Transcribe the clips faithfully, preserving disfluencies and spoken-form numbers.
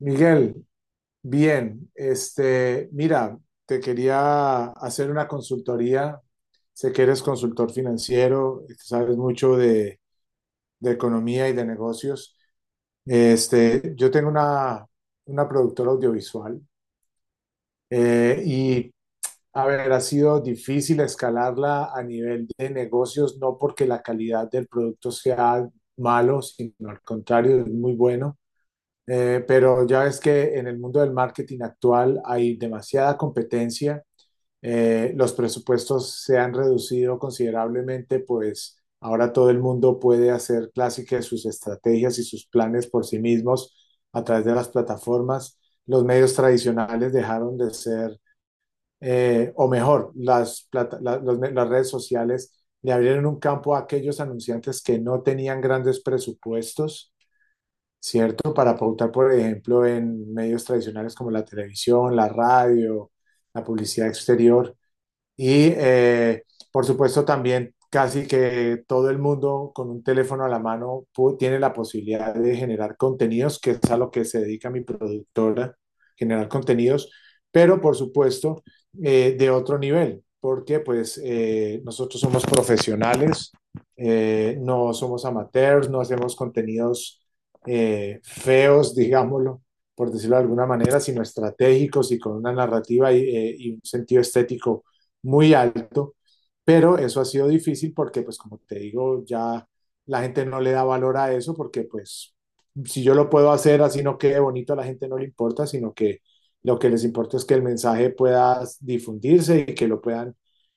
Miguel, bien, este, mira, te quería hacer una consultoría. Sé que eres consultor financiero, que sabes mucho de, de economía y de negocios. Este, yo tengo una, una productora audiovisual eh, y, a ver, ha sido difícil escalarla a nivel de negocios, no porque la calidad del producto sea malo, sino al contrario, es muy bueno. Eh, pero ya ves que en el mundo del marketing actual hay demasiada competencia, eh, los presupuestos se han reducido considerablemente, pues ahora todo el mundo puede hacer clásicas sus estrategias y sus planes por sí mismos a través de las plataformas. Los medios tradicionales dejaron de ser, eh, o mejor, las, plata- la- los me- las redes sociales le abrieron un campo a aquellos anunciantes que no tenían grandes presupuestos, ¿cierto? Para pautar, por ejemplo, en medios tradicionales como la televisión, la radio, la publicidad exterior. Y eh, por supuesto también casi que todo el mundo con un teléfono a la mano pu- tiene la posibilidad de generar contenidos, que es a lo que se dedica mi productora, generar contenidos, pero por supuesto eh, de otro nivel, porque pues eh, nosotros somos profesionales, eh, no somos amateurs, no hacemos contenidos eh, feos, digámoslo, por decirlo de alguna manera, sino estratégicos y con una narrativa y, eh, y un sentido estético muy alto, pero eso ha sido difícil porque, pues como te digo, ya la gente no le da valor a eso porque, pues, si yo lo puedo hacer así no quede bonito, a la gente no le importa, sino que lo que les importa es que el mensaje pueda difundirse y que lo puedan,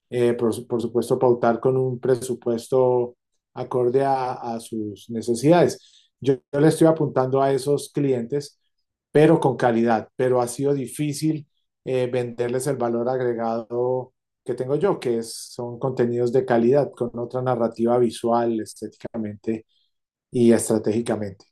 eh, por, su- por, supuesto, pautar con un presupuesto acorde a, a sus necesidades. Yo, yo le estoy apuntando a esos clientes, pero con calidad, pero ha sido difícil eh, venderles el valor agregado que tengo yo, que es- son contenidos de calidad, con otra narrativa visual, estéticamente y estratégicamente.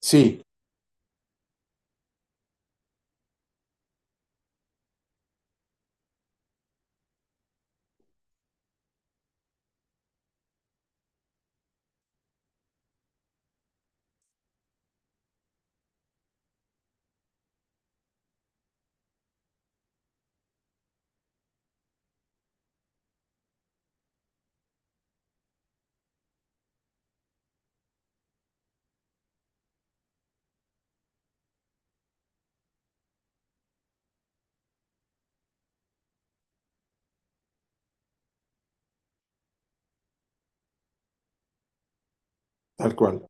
Sí, tal cual.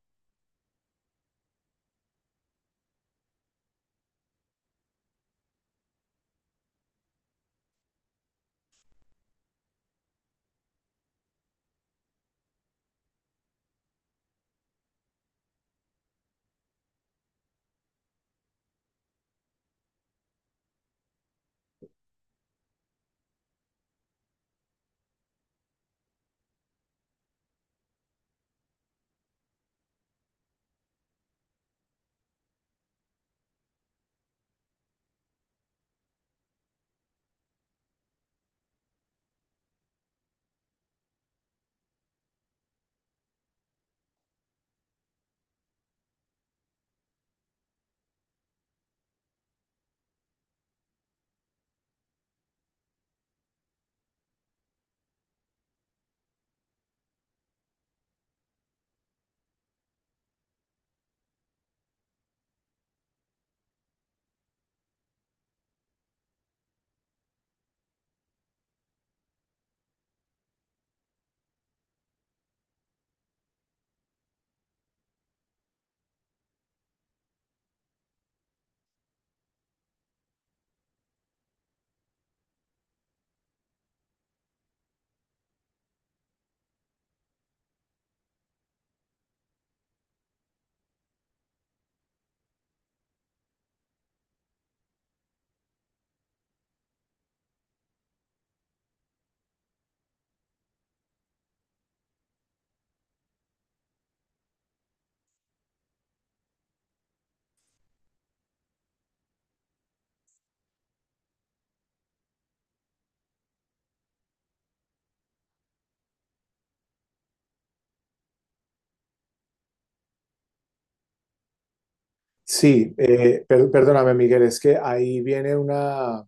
Sí, eh, per- perdóname, Miguel, es que ahí viene una...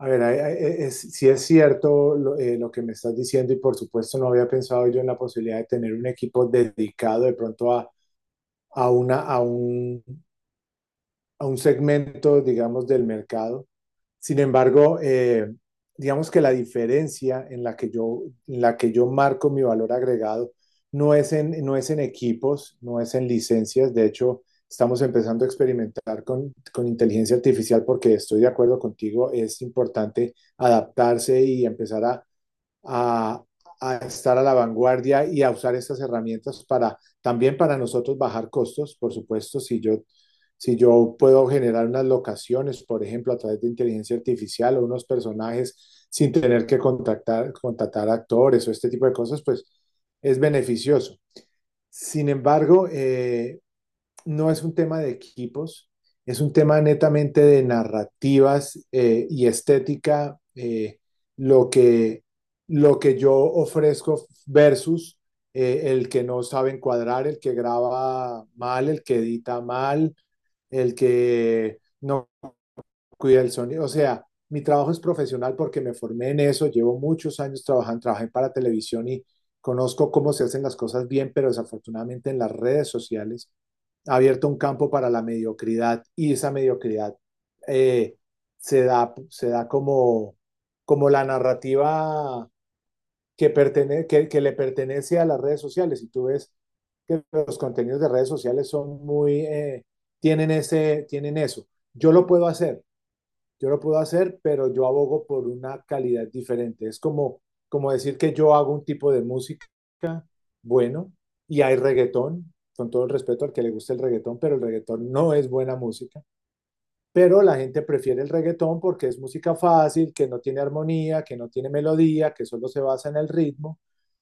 A ver, ahí- ahí- es- si es cierto lo, eh, lo que me estás diciendo y por supuesto no había pensado yo en la posibilidad de tener un equipo dedicado de pronto a, a, una, a, un, a un segmento, digamos, del mercado. Sin embargo, eh, digamos que la diferencia en la que yo, en la que yo marco mi valor agregado no es en, no es en equipos, no es en licencias. De hecho, estamos empezando a experimentar con, con inteligencia artificial porque estoy de acuerdo contigo, es importante adaptarse y empezar a a, a estar a la vanguardia y a usar estas herramientas para también para nosotros bajar costos, por supuesto, si yo si yo puedo generar unas locaciones, por ejemplo, a través de inteligencia artificial o unos personajes sin tener que contratar contratar actores o este tipo de cosas, pues es beneficioso. Sin embargo, eh, no es un tema de equipos, es un tema netamente de narrativas eh, y estética, eh, lo, que, lo que yo ofrezco versus eh, el que no sabe encuadrar, el que graba mal, el que edita mal, el que no cuida el sonido. O sea, mi trabajo es profesional porque me formé en eso, llevo muchos años trabajando, trabajé para televisión y conozco cómo se hacen las cosas bien, pero desafortunadamente en las redes sociales ha abierto un campo para la mediocridad y esa mediocridad eh, se da, se da como, como la narrativa que, pertene que, que le pertenece a las redes sociales. Y tú ves que los contenidos de redes sociales son muy, eh, tienen, ese, tienen eso. Yo lo puedo hacer, yo lo puedo hacer, pero yo abogo por una calidad diferente. Es como, como decir que yo hago un tipo de música, bueno, y hay reggaetón, con todo el respeto al que le guste el reggaetón, pero el reggaetón no es buena música. Pero la gente prefiere el reggaetón porque es música fácil, que no tiene armonía, que no tiene melodía, que solo se basa en el ritmo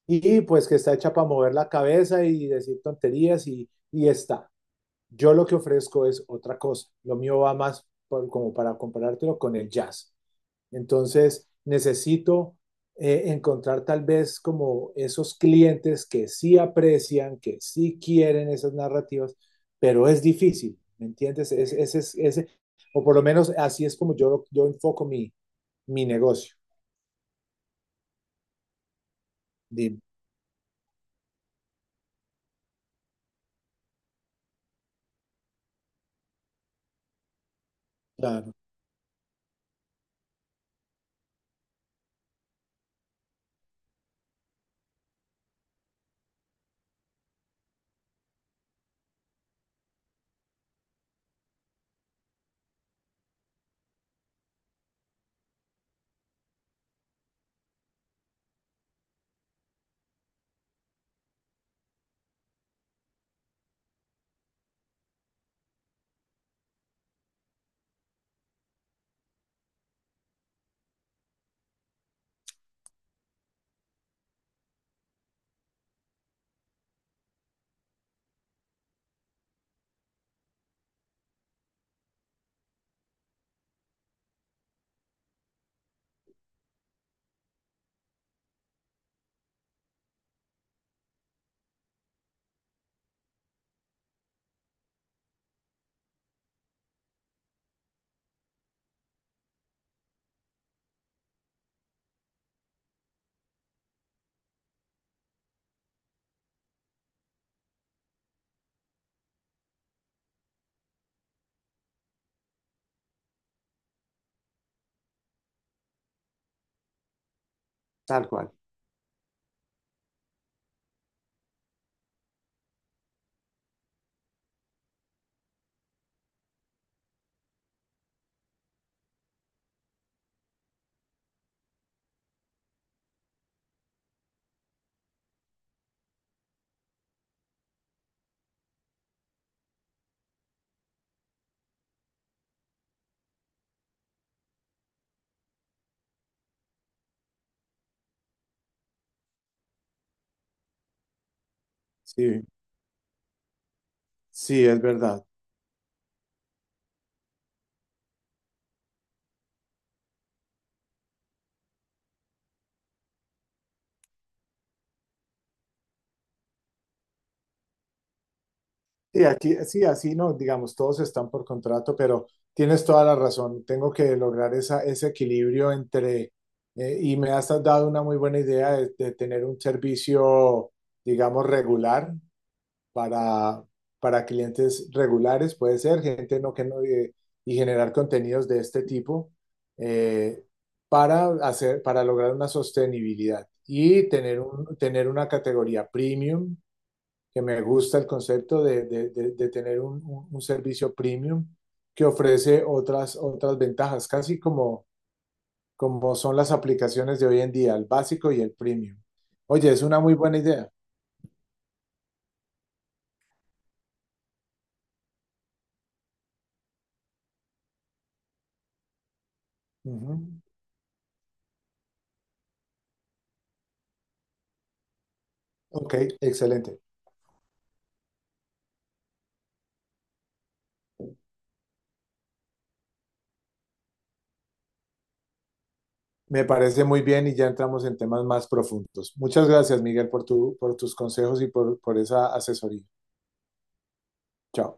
y pues que está hecha para mover la cabeza y decir tonterías y, y está. Yo lo que ofrezco es otra cosa. Lo mío va más por- como para comparártelo con el jazz. Entonces, necesito eh, encontrar tal vez como esos clientes que sí aprecian, que sí quieren esas narrativas, pero es difícil, ¿me entiendes? Es, es- es- es- o por lo menos así es como yo, yo enfoco mi, mi negocio. Dime. Claro, tal cual. Sí, sí, es verdad. Sí, aquí, sí, así no, digamos, todos están por contrato, pero tienes toda la razón. Tengo que lograr esa, ese equilibrio entre, eh, y me has dado una muy buena idea de, de tener un servicio, digamos, regular para, para clientes regulares, puede ser, gente no que no, eh, y generar contenidos de este tipo eh, para hacer, para lograr una sostenibilidad y tener un, tener una categoría premium que me gusta el concepto de, de, de, de tener un, un, un, servicio premium que ofrece otras, otras ventajas, casi como, como son las aplicaciones de hoy en día, el básico y el premium. Oye, es una muy buena idea. Ujú. Ok, excelente. Me parece muy bien y ya entramos en temas más profundos. Muchas gracias, Miguel, por tu, por tus consejos y por, por esa asesoría. Chao.